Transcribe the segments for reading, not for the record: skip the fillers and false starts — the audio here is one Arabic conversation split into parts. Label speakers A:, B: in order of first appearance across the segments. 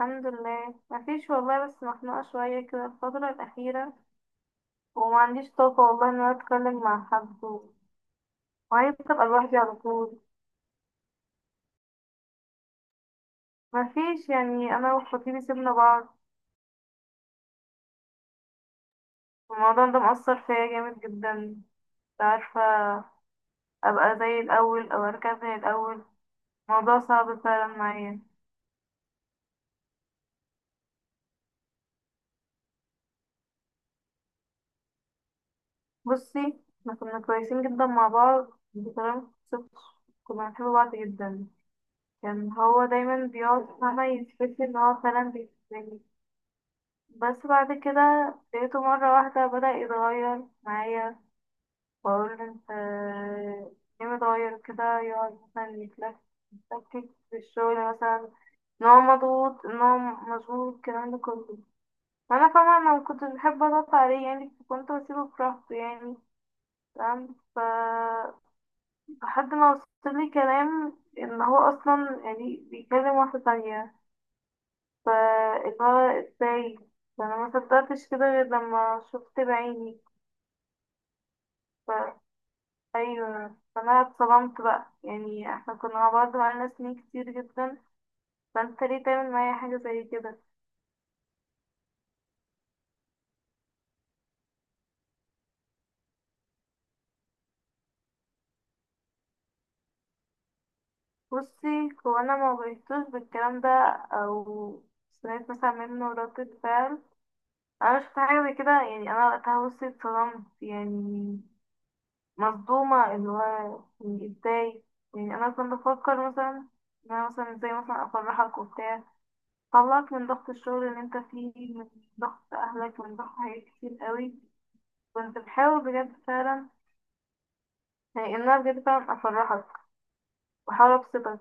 A: الحمد لله، مفيش والله، بس مخنوقة شوية كده الفترة الأخيرة. وما عنديش طاقة والله إن أنا أتكلم مع حد وعايزة أبقى لوحدي على طول. مفيش يعني. أنا وخطيبي سيبنا بعض، والموضوع ده مأثر فيا جامد جدا. مش عارفة أبقى زي الأول أو أرجع زي الأول. الموضوع صعب فعلا معايا. بصي، احنا كنا كويسين جدا مع بعض بطريقة متوصفش. كنا بنحب بعض جدا. كان هو دايما بيقعد فاهمة يثبت لي إن هو فعلا بيحبني. بس بعد كده لقيته مرة واحدة بدأ يتغير معايا. بقول له انت ليه متغير كده؟ يقعد مثلا يتلكك في الشغل مثلا، ان هو مضغوط، ان هو مشغول، الكلام ده كله. فانا طبعا انا مكنتش بحب اضغط عليه، يعني كنت بسيبه براحته يعني. تمام. لحد ما وصل لي كلام ان هو اصلا يعني بيكلم واحدة تانية. ف اللي هو ازاي؟ فانا ما صدقتش كده غير لما شفت بعيني. ايوه. فانا اتصدمت بقى، يعني احنا كنا مع بعض بقالنا سنين كتير جدا. فانت ليه تعمل معايا حاجه زي كده؟ بصي، هو انا ما واجهتوش بالكلام ده او سمعت مثلا منه ردة فعل. انا شفت حاجه زي كده، يعني انا وقتها بصي اتصدمت يعني، مصدومه. اللي هو يعني ازاي؟ يعني انا كنت بفكر مثلا ان انا مثلا ازاي مثلا افرحك وبتاع، طلعك من ضغط الشغل اللي انت فيه، من ضغط اهلك، من ضغط حاجات كتير قوي. كنت بحاول بجد فعلا، يعني إن أنا بجد فعلا أفرحك وأحاول أبسطك.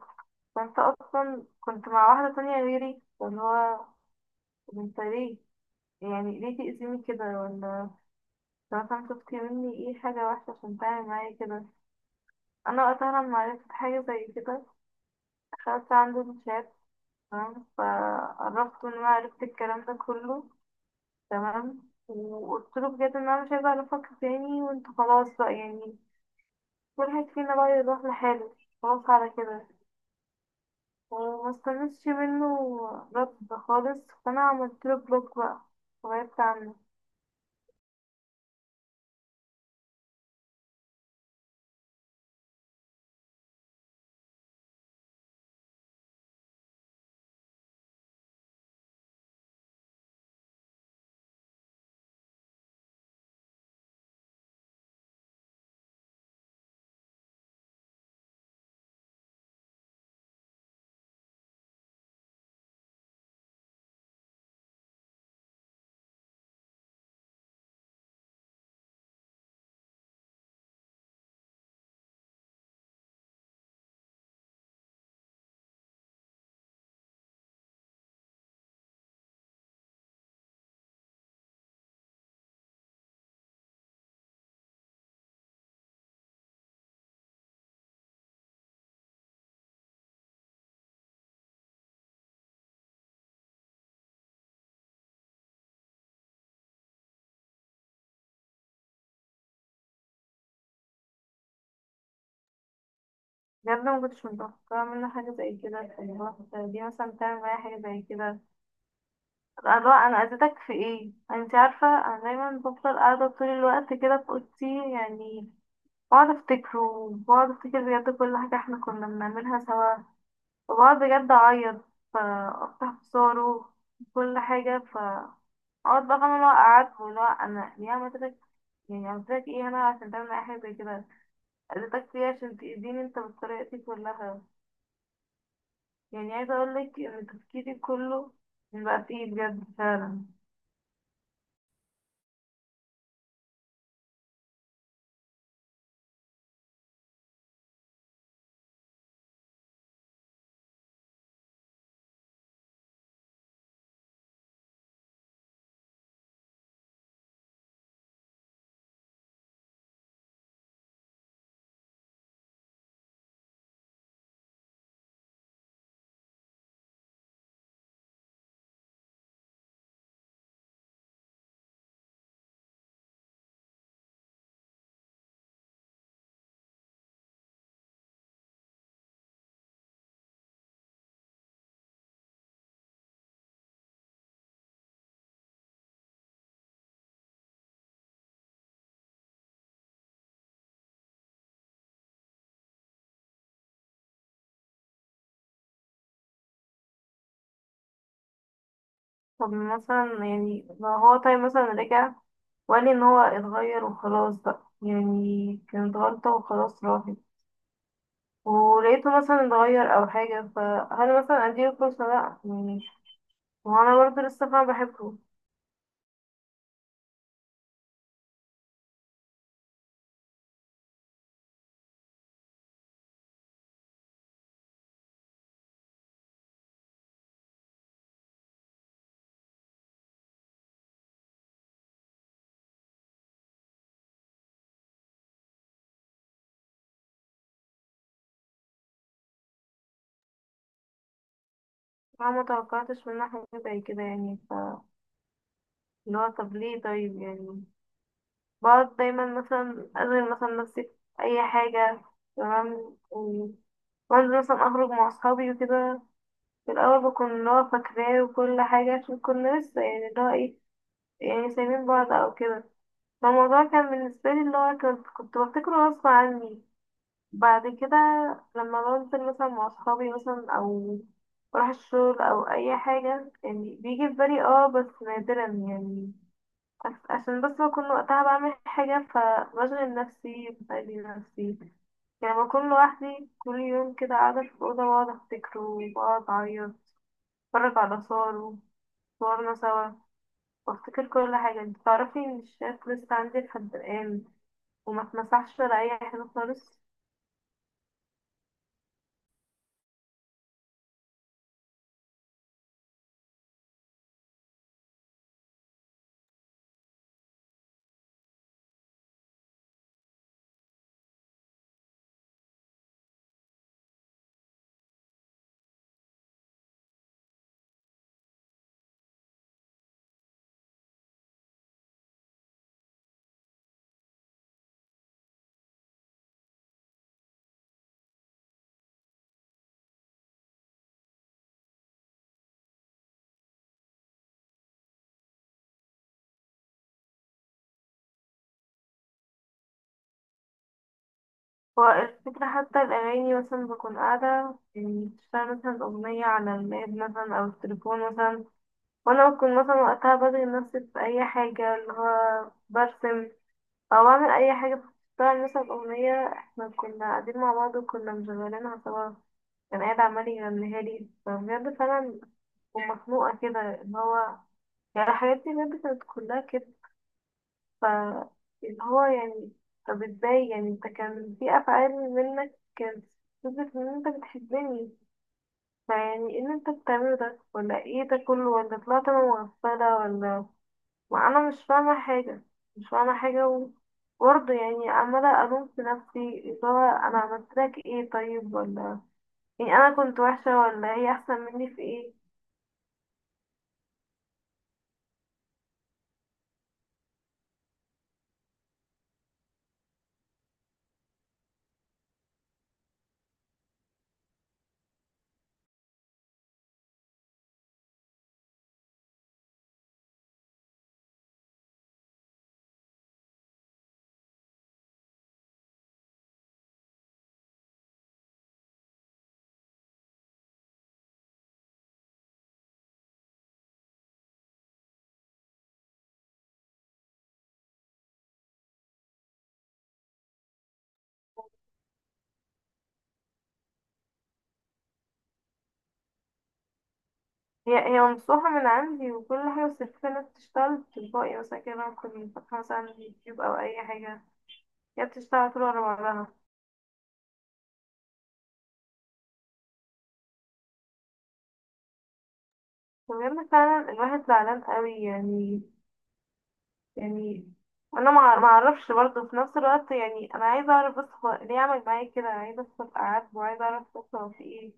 A: فأنت أصلا كنت مع واحدة تانية غيري، واللي هو طب أنت ليه؟ يعني ليه تأذيني كده ولا؟ طب مثلا شفت مني إيه حاجة وحشة عشان تعمل معايا كده؟ أنا وقتها لما عرفت حاجة زي كده دخلت عنده الشات، تمام، فقربت إن أنا عرفت الكلام ده كله، تمام، وقلت له بجد إن أنا مش عايزة أعرفك تاني وأنت خلاص بقى يعني. كل واحد فينا بقى يروح لحاله، خلاص على كده. وما استنيتش منه رد خالص، فانا عملت له بلوك بقى وغيرت عنه. بجد ما كنتش متوقعه منه حاجه زي كده في الوقت دي. مثلا تعمل معايا حاجه زي كده، أبقى اللي هو انا اذيتك في ايه؟ انت عارفه انا دايما بفضل قاعده طول الوقت كده في اوضتي، يعني بقعد افتكره، وبقعد افتكر بجد كل حاجه احنا كنا بنعملها سوا، وبقعد بجد اعيط، فافتح في صوره، كل حاجه. اقعد بقى فاهمة اللي هو قعدت، واللي هو انا ليه عملتك؟ يعني عملتك ايه انا عشان تعمل معايا حاجة زي كده؟ قلتك فيها عشان تأذيني انت بالطريقة دي كلها؟ يعني عايزة اقولك ان تفكيري كله من بقى فيه بجد فعلا. طب مثلا يعني لو هو طيب مثلا رجع وقال لي ان هو اتغير وخلاص بقى، يعني كانت غلطة وخلاص راحت، ولقيته مثلا اتغير او حاجة، فهل مثلا اديله فرصة؟ لا يعني وأنا برضه لسه فاهمة بحبه. فاهمة متوقعتش منه حاجة زي كده يعني. اللي هو طب ليه طيب يعني؟ بقعد دايما مثلا أشغل مثلا نفسي في أي حاجة، تمام، وأنزل مثلا أخرج مع أصحابي وكده. في الأول بكون اللي هو فاكراه وكل حاجة، عشان كنا لسه يعني اللي هو إيه يعني سايبين بعض أو كده. فالموضوع كان بالنسبة لي اللي هو كنت بفتكره غصب عني. بعد كده، لما بنزل مثلا مع أصحابي مثلا أو بروح الشغل أو أي حاجة يعني بيجي في بالي، بس نادرا يعني. عشان بس بكون وقتها بعمل حاجة فبشغل نفسي بأذي نفسي يعني. بكون لوحدي كل يوم كده قاعدة في الأوضة، وأقعد أفتكره، وأقعد أعيط، أتفرج على صور وصورنا سوا، وأفتكر كل حاجة. انت تعرفي إن الشات لسه عندي لحد الآن، وما اتمسحش ولا أي حاجة خالص. هو الفكرة حتى الأغاني مثلا بكون قاعدة، يعني بشتغل مثلا أغنية على اللاب مثلا أو التليفون مثلا، وأنا بكون مثلا وقتها بشغل نفسي في أي حاجة اللي هو برسم او اعمل اي حاجه، بتشتغل مثلا اغنيه احنا كنا قاعدين مع بعض وكنا مشغلينها سوا، كان قاعد عمال يغنيها لي، فبجد فعلا ومخنوقه كده اللي هو يعني. الحاجات دي بجد كانت كلها كده. ف اللي هو يعني طب ازاي يعني؟ انت كان في افعال منك كانت تثبت ان انت بتحبني، فيعني ايه اللي انت بتعمله ده ولا ايه ده كله، ولا طلعت انا مغفله، ولا؟ ما انا مش فاهمة حاجة، مش فاهمة حاجة. وبرضه يعني عمالة الوم في نفسي، اللي هو انا عملت لك ايه طيب ولا؟ يعني انا كنت وحشة، ولا هي احسن مني في ايه؟ هي ممسوحة من عندي وكل حاجة، بس الفكرة انها بتشتغل تلقائي مثلا كده لما كنت فاتحة مثلا يوتيوب او اي حاجة، هي بتشتغل طول ورا بعضها. وبجد فعلا الواحد زعلان قوي يعني. يعني انا معرفش برضه في نفس الوقت، يعني انا عايزة اعرف بس هو ليه عمل معايا كده، عايزة افهم قعد وعايزة اعرف بس هو في ايه.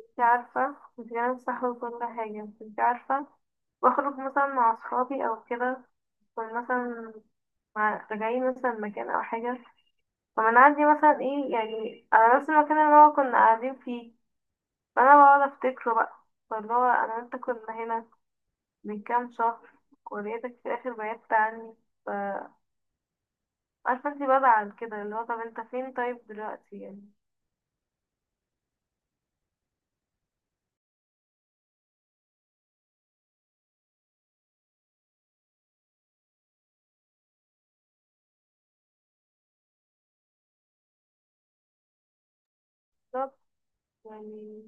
A: انتي عارفة، مش جانب صح وكل حاجة، بس انتي عارفة بخرج مثلا مع أصحابي أو كده، كنا مثلا راجعين مثلا مكان أو حاجة، فبنعدي مثلا ايه يعني على نفس المكان اللي هو كنا قاعدين فيه، فأنا بقعد أفتكره بقى، فاللي هو أنا وأنت كنا هنا من كام شهر ولقيتك في الآخر بعدت عني. ف- عارفة انتي بزعل كده اللي هو طب انت فين طيب دلوقتي يعني؟ بالظبط. يعني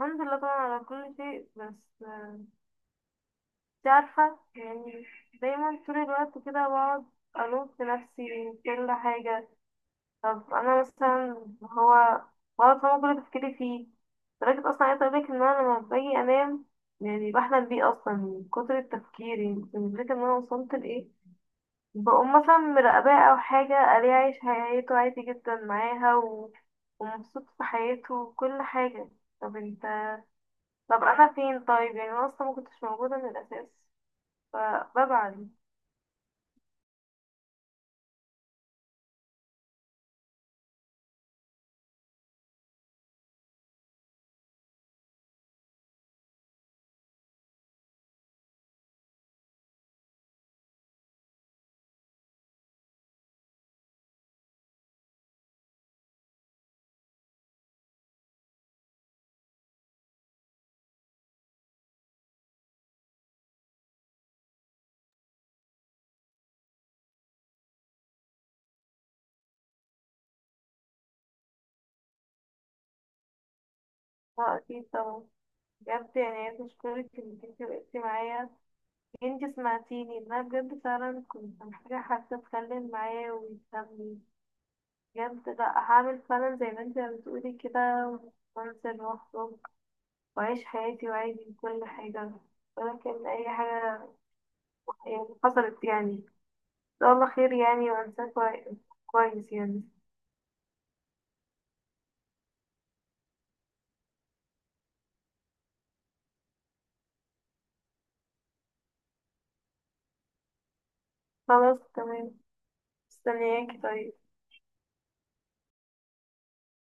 A: الحمد لله طبعا على كل شيء، بس انت عارفة يعني دايما طول الوقت كده بقعد ألوم في نفسي من كل حاجة. طب أنا مثلا هو بقعد فاهمة كل تفكيري فيه، لدرجة أصلا عايزة أقولك إن أنا لما باجي أنام يعني بحلم بيه أصلا من كتر التفكير، يعني أنت مش فاكرة إن أنا وصلت لإيه. بقوم مثلا مراقباه أو حاجة، ألاقيه عايش حياته عادي جدا معاها ومبسوط في حياته وكل حاجة. طب انت طب أنا فين طيب يعني؟ أنا أصلا مكنتش موجودة من الأساس، فبزعل. اه، اكيد طبعا. بجد يعني عايزة اشكرك انك انتي وقفتي معايا، انتي سمعتيني، إن انا بجد فعلا كنت محتاجة حد اتكلم معاه ويفهمني. بجد لا، هعمل فعلا زي ما انتي بتقولي كده، وانزل واخرج واعيش حياتي وعادي كل حاجة. ولكن اي حاجة يعني حصلت، يعني ان شاء الله خير يعني، وانساه كويس يعني. خلاص، تمام. مستنياكي، طيب.